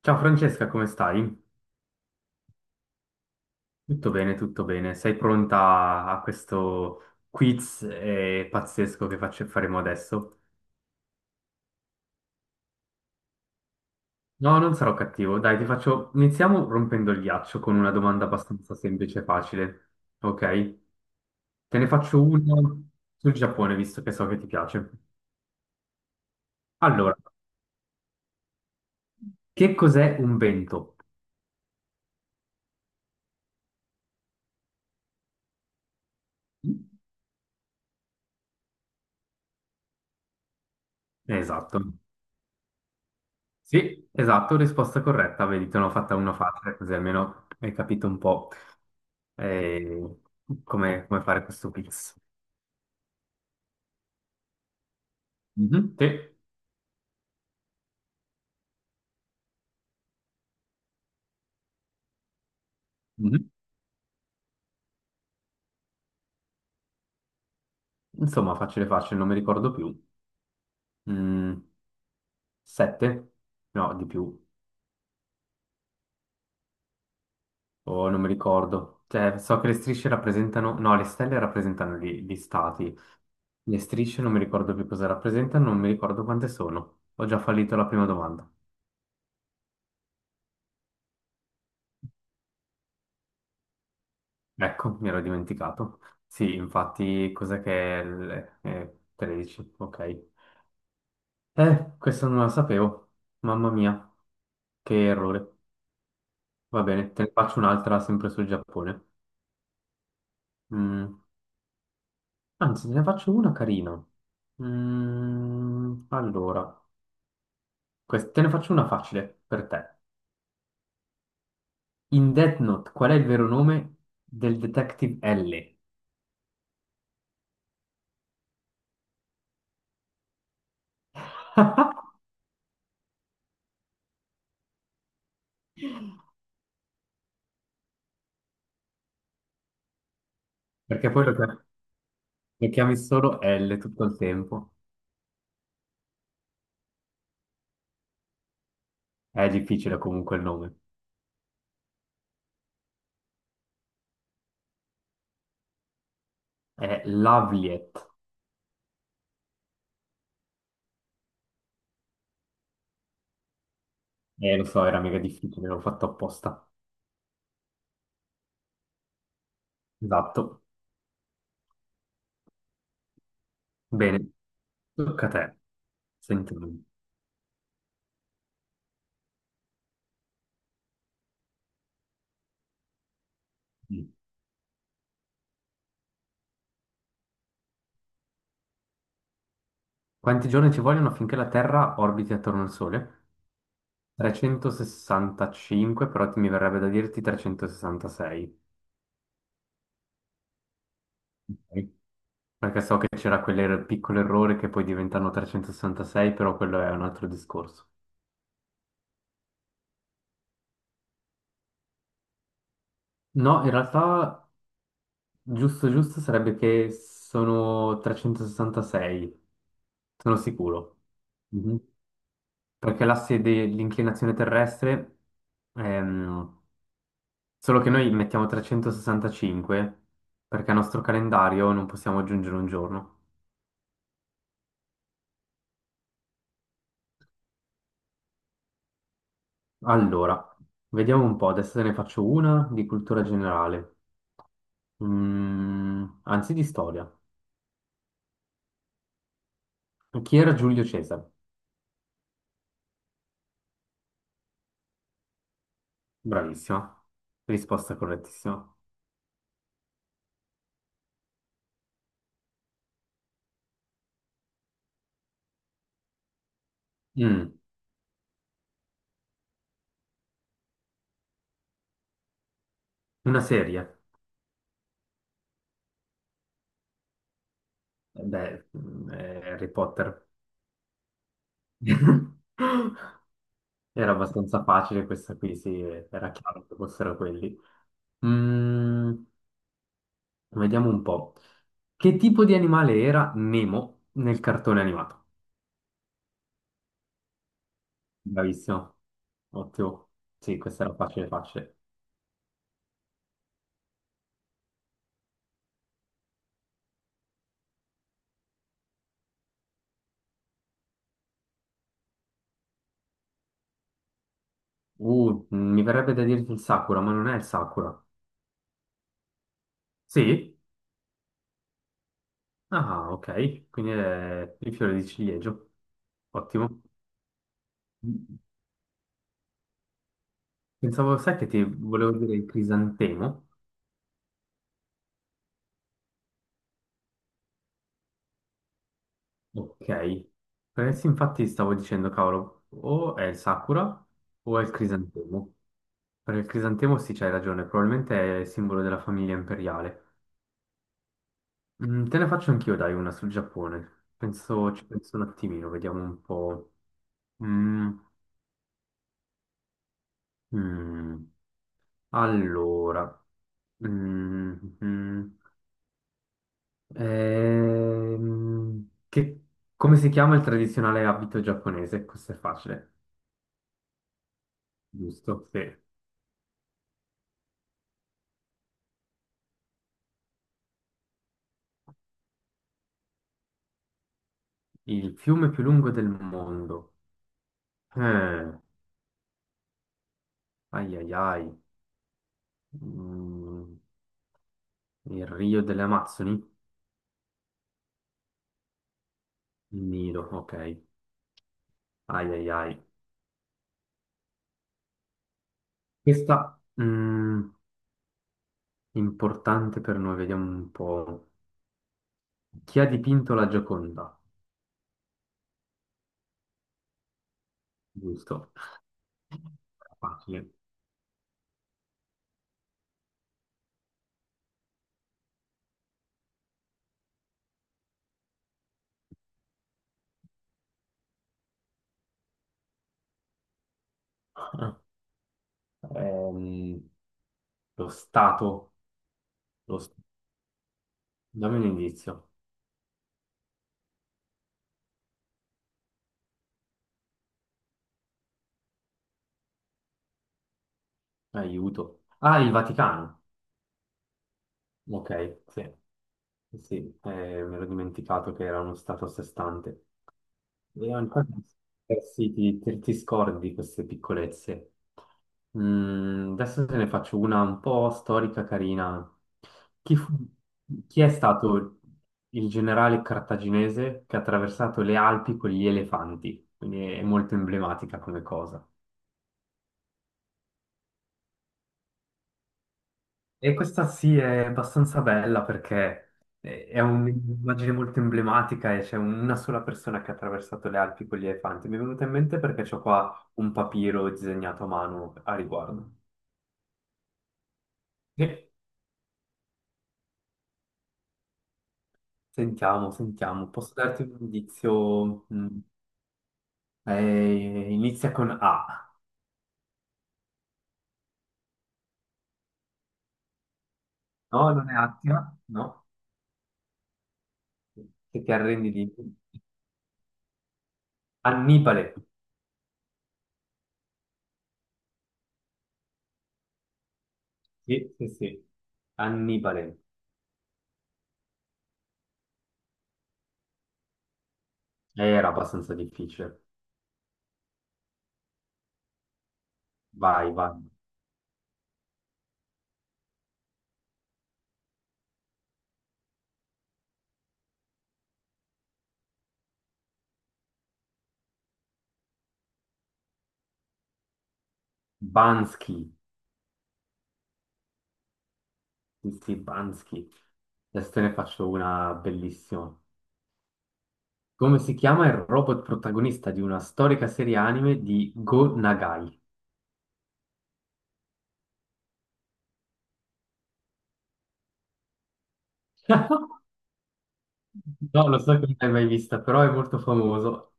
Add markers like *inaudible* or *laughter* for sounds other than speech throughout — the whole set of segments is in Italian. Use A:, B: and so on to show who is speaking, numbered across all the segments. A: Ciao Francesca, come stai? Tutto bene, tutto bene. Sei pronta a questo quiz pazzesco che faremo adesso? No, non sarò cattivo. Dai, Iniziamo rompendo il ghiaccio con una domanda abbastanza semplice e facile. Ok? Te ne faccio una sul Giappone, visto che so che ti piace. Allora, che cos'è un vento? Esatto. Sì, esatto, risposta corretta. Vedi, te ne ho fatta una facile, così almeno hai capito un po'. E come fare questo quiz? Mhm, sì. Mhm. Insomma, facile facile, non mi ricordo più. Mm, Sette? No, di più. Oh, non mi ricordo. Cioè, so che le strisce rappresentano... No, le stelle rappresentano gli stati. Le strisce non mi ricordo più cosa rappresentano, non mi ricordo quante sono. Ho già fallito la prima domanda. Ecco, mi ero dimenticato. Sì, infatti, cos'è che è... 13, ok. Questo non lo sapevo. Mamma mia, che errore. Va bene, te ne faccio un'altra sempre sul Giappone. Mm, Anzi, te ne faccio una carina. Allora, te ne faccio una facile per te. In Death Note, qual è il vero nome del detective L? *laughs* Perché poi lo chiami solo L tutto il tempo. È difficile comunque il nome. È Lavliet. Lo so, era mega difficile, l'ho fatto apposta. Esatto. Bene, tocca a te. Sentimi. Quanti giorni ci vogliono affinché la Terra orbiti attorno al Sole? 365, però mi verrebbe da dirti 366. Ok. Perché so che c'era quel piccolo errore che poi diventano 366, però quello è un altro discorso. No, in realtà giusto giusto sarebbe che sono 366, sono sicuro. Mhm. Perché l'asse dell'inclinazione terrestre, ehm, solo che noi mettiamo 365 perché al nostro calendario non possiamo aggiungere un giorno. Allora, vediamo un po', adesso te ne faccio una di cultura generale. Anzi, di storia. Chi era Giulio Cesare? Bravissima, risposta correttissima. Mm, Una serie? Eh beh, Harry Potter. *laughs* Era abbastanza facile questa qui, sì, era chiaro che fossero quelli. Mm, Vediamo un po'. Che tipo di animale era Nemo nel cartone animato? Bravissimo, ottimo. Sì, questa era facile, facile. Mi verrebbe da dirti il Sakura, ma non è il Sakura. Sì? Ah, ok. Quindi è il fiore di ciliegio. Ottimo. Pensavo, sai che ti volevo dire il crisantemo? Ok. Perché sì, infatti stavo dicendo, cavolo, o è il Sakura o è il crisantemo. Per il crisantemo sì, c'hai ragione, probabilmente è il simbolo della famiglia imperiale. Te ne faccio anch'io, dai, una sul Giappone. Penso, ci penso un attimino, vediamo un po'. Mm, mm. Allora, mm, mm. Ehm, che- come si chiama il tradizionale abito giapponese? Questo è facile, giusto? Sì. Il fiume più lungo del mondo. Eh, Ai ai ai. Mm, il Rio delle Amazzoni? Nido, ok. Ai ai ai. Questa importante per noi, vediamo un po'. Chi ha dipinto la Gioconda? Giusto. Facile. Ehm, Lo Stato. Lo... s- Dammi un indizio. Aiuto. Ah, il Vaticano. Ok, sì. Sì, mi ero dimenticato che era uno Stato a sé stante. E ancora eh sì, ti scordi queste piccolezze. Adesso te ne faccio una un po' storica, carina. Chi, fu- Chi è stato il generale cartaginese che ha attraversato le Alpi con gli elefanti? Quindi è molto emblematica come cosa. E questa sì è abbastanza bella perché è è un'immagine molto emblematica e c'è una sola persona che ha attraversato le Alpi con gli elefanti. Mi è venuta in mente perché c'ho qua un papiro disegnato a mano a riguardo. Sì. Sentiamo, sentiamo. Posso darti un indizio? Inizia con A. No, non è Attila, no? Che ti arrendi di... Annibale. Sì, sì, sì. Annibale. Era abbastanza difficile. Vai, vai. Bansky. Stefanski. Adesso te ne faccio una bellissima. Come si chiama il robot protagonista di una storica serie anime di Go Nagai? *laughs* No, lo so che non l'hai mai vista, però è molto famoso.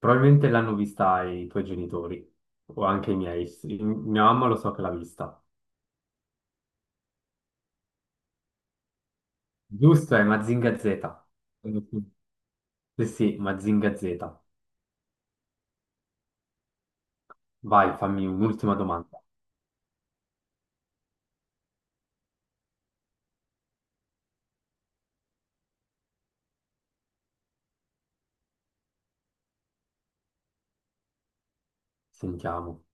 A: Probabilmente l'hanno vista i tuoi genitori o anche i miei. Mia mamma lo so che l'ha vista. Giusto, è Mazinga Z. Sì, sì, Mazinga Z. Vai, fammi un'ultima domanda. Sentiamo.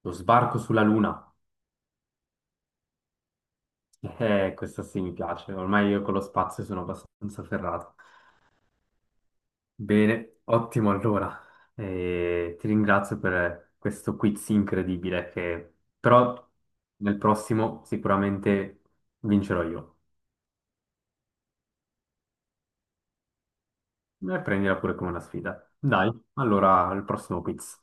A: Lo sbarco sulla Luna. Questa sì mi piace, ormai io con lo spazio sono abbastanza ferrato. Bene, ottimo allora. Ti ringrazio per questo quiz incredibile che però nel prossimo sicuramente vincerò io. E prendila pure come una sfida. Dai, allora al prossimo quiz.